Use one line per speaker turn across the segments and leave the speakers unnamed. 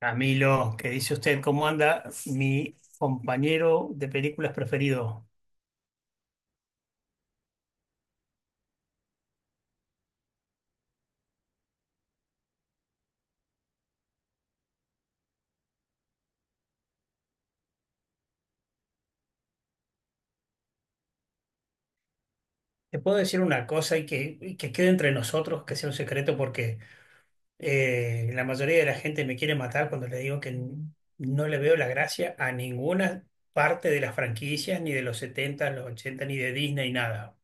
Camilo, ¿qué dice usted? ¿Cómo anda mi compañero de películas preferido? Te puedo decir una cosa y que quede entre nosotros, que sea un secreto, porque la mayoría de la gente me quiere matar cuando le digo que no le veo la gracia a ninguna parte de las franquicias, ni de los 70, los 80 ni de Disney, nada.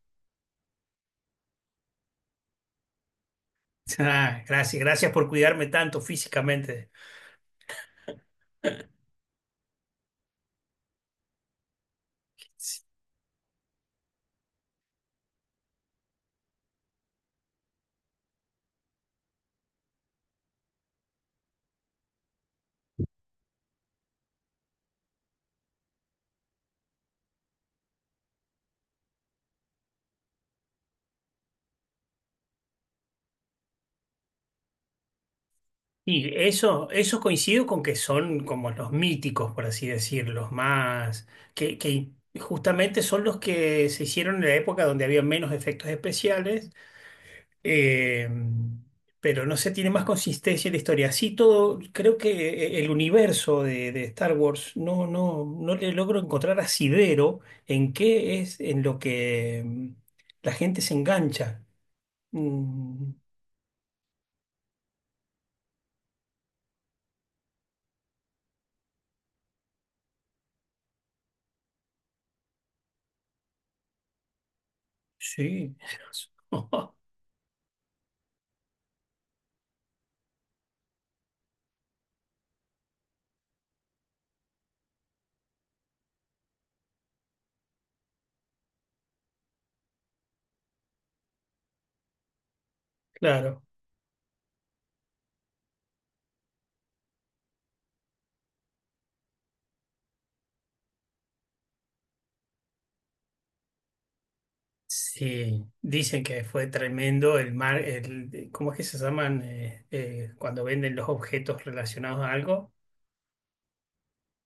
Ah, gracias, gracias por cuidarme tanto físicamente. Y eso coincido con que son como los míticos, por así decirlo, los más, que justamente son los que se hicieron en la época donde había menos efectos especiales, eh, pero no se tiene más consistencia en la historia. Así todo, creo que el universo de Star Wars no le logro encontrar asidero en qué es en lo que la gente se engancha. Mm, sí, claro. Sí, dicen que fue tremendo el mar, el, ¿cómo es que se llaman cuando venden los objetos relacionados a algo?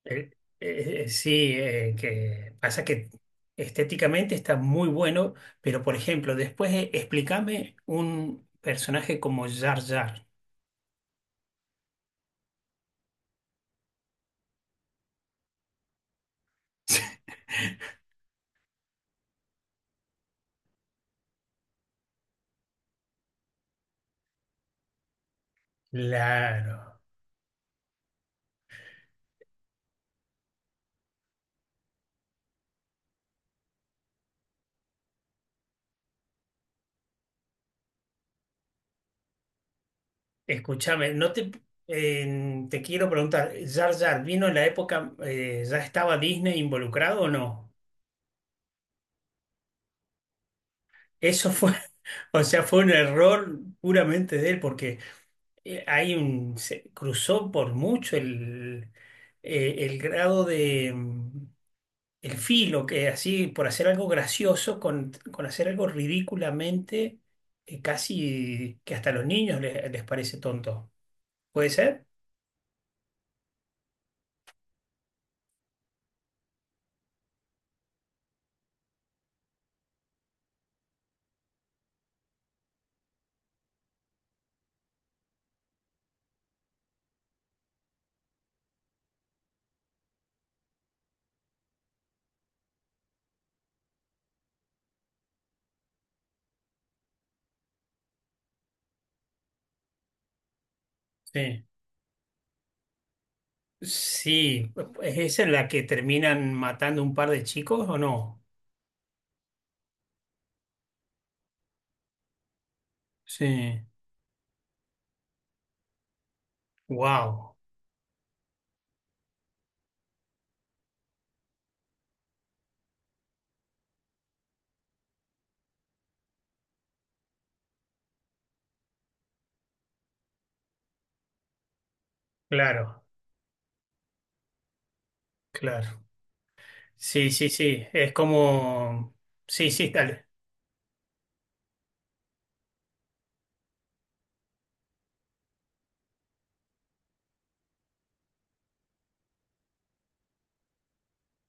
El- sí, que pasa que estéticamente está muy bueno, pero por ejemplo, después explícame un personaje como Jar Jar. Claro, escúchame, no te, te quiero preguntar, ¿Jar Jar vino en la época, ya estaba Disney involucrado o no? Eso fue, o sea, fue un error puramente de él, porque hay un, se cruzó por mucho el grado de, el filo, que así, por hacer algo gracioso, con hacer algo ridículamente, casi que hasta a los niños les parece tonto. ¿Puede ser? Sí. Sí, ¿es esa en la que terminan matando un par de chicos o no? Sí. Wow, claro, claro. Sí, sí, sí, es como, sí, sí, dale.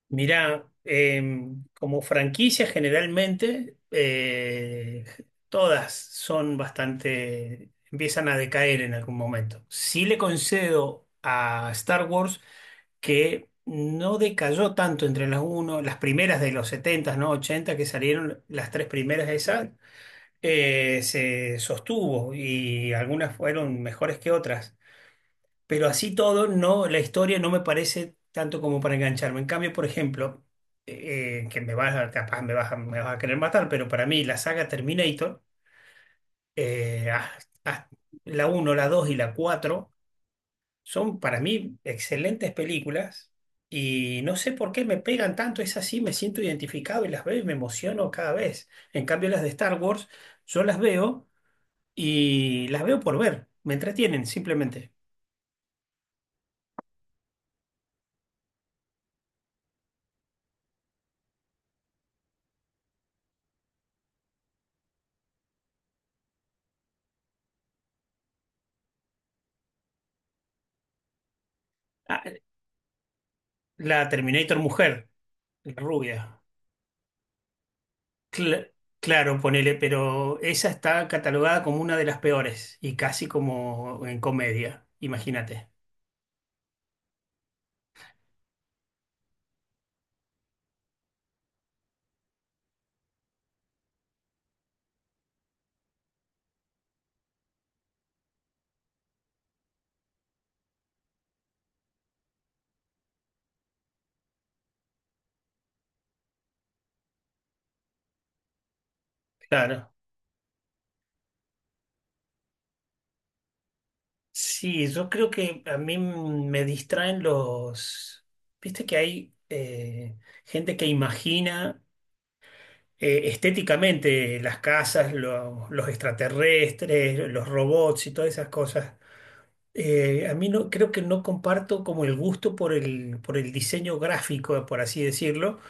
Mirá, como franquicia generalmente, todas son bastante, empiezan a decaer en algún momento. Sí le concedo a Star Wars que no decayó tanto entre las uno, las primeras de los 70, ¿no? Ochenta que salieron, las tres primeras de esas, se sostuvo y algunas fueron mejores que otras. Pero así todo, no, la historia no me parece tanto como para engancharme. En cambio, por ejemplo, que me vas a, capaz me vas a querer matar, pero para mí la saga Terminator, eh, ah, ah, la uno, la 2 y la 4 son para mí excelentes películas y no sé por qué me pegan tanto, es así, me siento identificado y las veo y me emociono cada vez. En cambio, las de Star Wars, yo las veo y las veo por ver, me entretienen simplemente. Ah, la Terminator Mujer. Rubia. Cl- claro, ponele, pero esa está catalogada como una de las peores y casi como en comedia, imagínate. Claro. Sí, yo creo que a mí me distraen los... Viste que hay gente que imagina estéticamente las casas, los extraterrestres, los robots y todas esas cosas. A mí no, creo que no comparto como el gusto por el diseño gráfico, por así decirlo,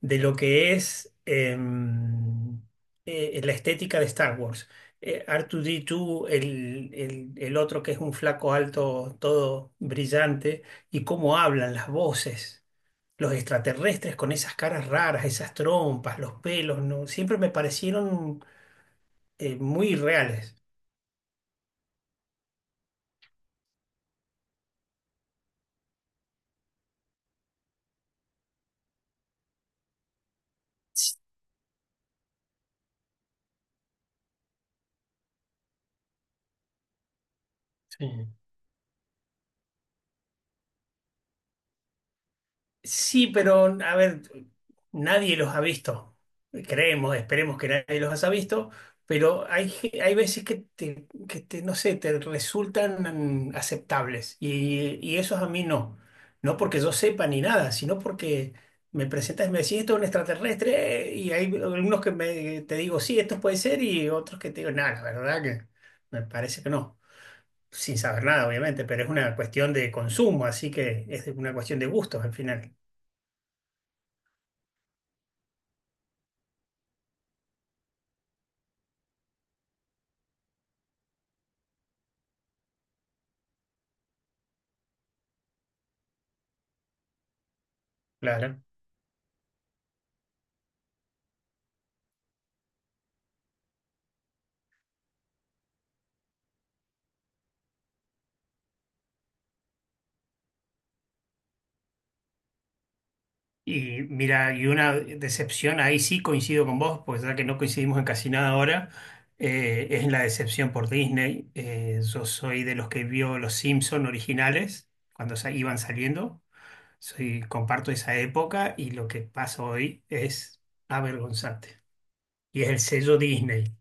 de lo que es la estética de Star Wars. R2D2, el otro que es un flaco alto, todo brillante, y cómo hablan las voces, los extraterrestres con esas caras raras, esas trompas, los pelos, ¿no? Siempre me parecieron muy reales. Sí. Sí, pero a ver, nadie los ha visto. Creemos, esperemos que nadie los haya visto, pero hay veces que te, no sé, te resultan aceptables. Y esos a mí no. No porque yo sepa ni nada, sino porque me presentas y me decís, esto es un extraterrestre, y hay algunos que me, te digo, sí, esto puede ser, y otros que te digo, nada, la verdad que me parece que no. Sin saber nada, obviamente, pero es una cuestión de consumo, así que es una cuestión de gustos al final. Claro. Y mira, y una decepción, ahí sí coincido con vos, pues ya que no coincidimos en casi nada ahora, es la decepción por Disney. Yo soy de los que vio los Simpson originales cuando iban saliendo. Soy, comparto esa época y lo que pasa hoy es avergonzante. Y es el sello Disney.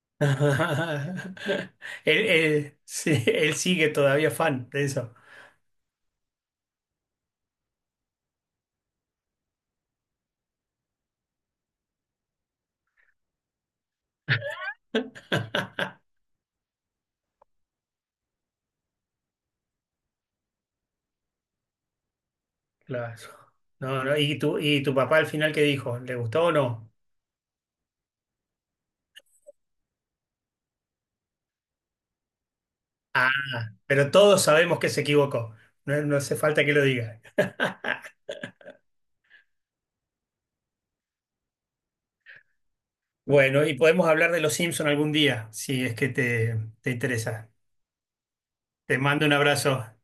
Él, él sí, él sigue todavía fan de eso. Claro. No, no, ¿y tu papá al final qué dijo? ¿Le gustó o no? Ah, pero todos sabemos que se equivocó. No, no hace falta que lo diga. Bueno, y podemos hablar de los Simpson algún día, si es que te, interesa. Te mando un abrazo.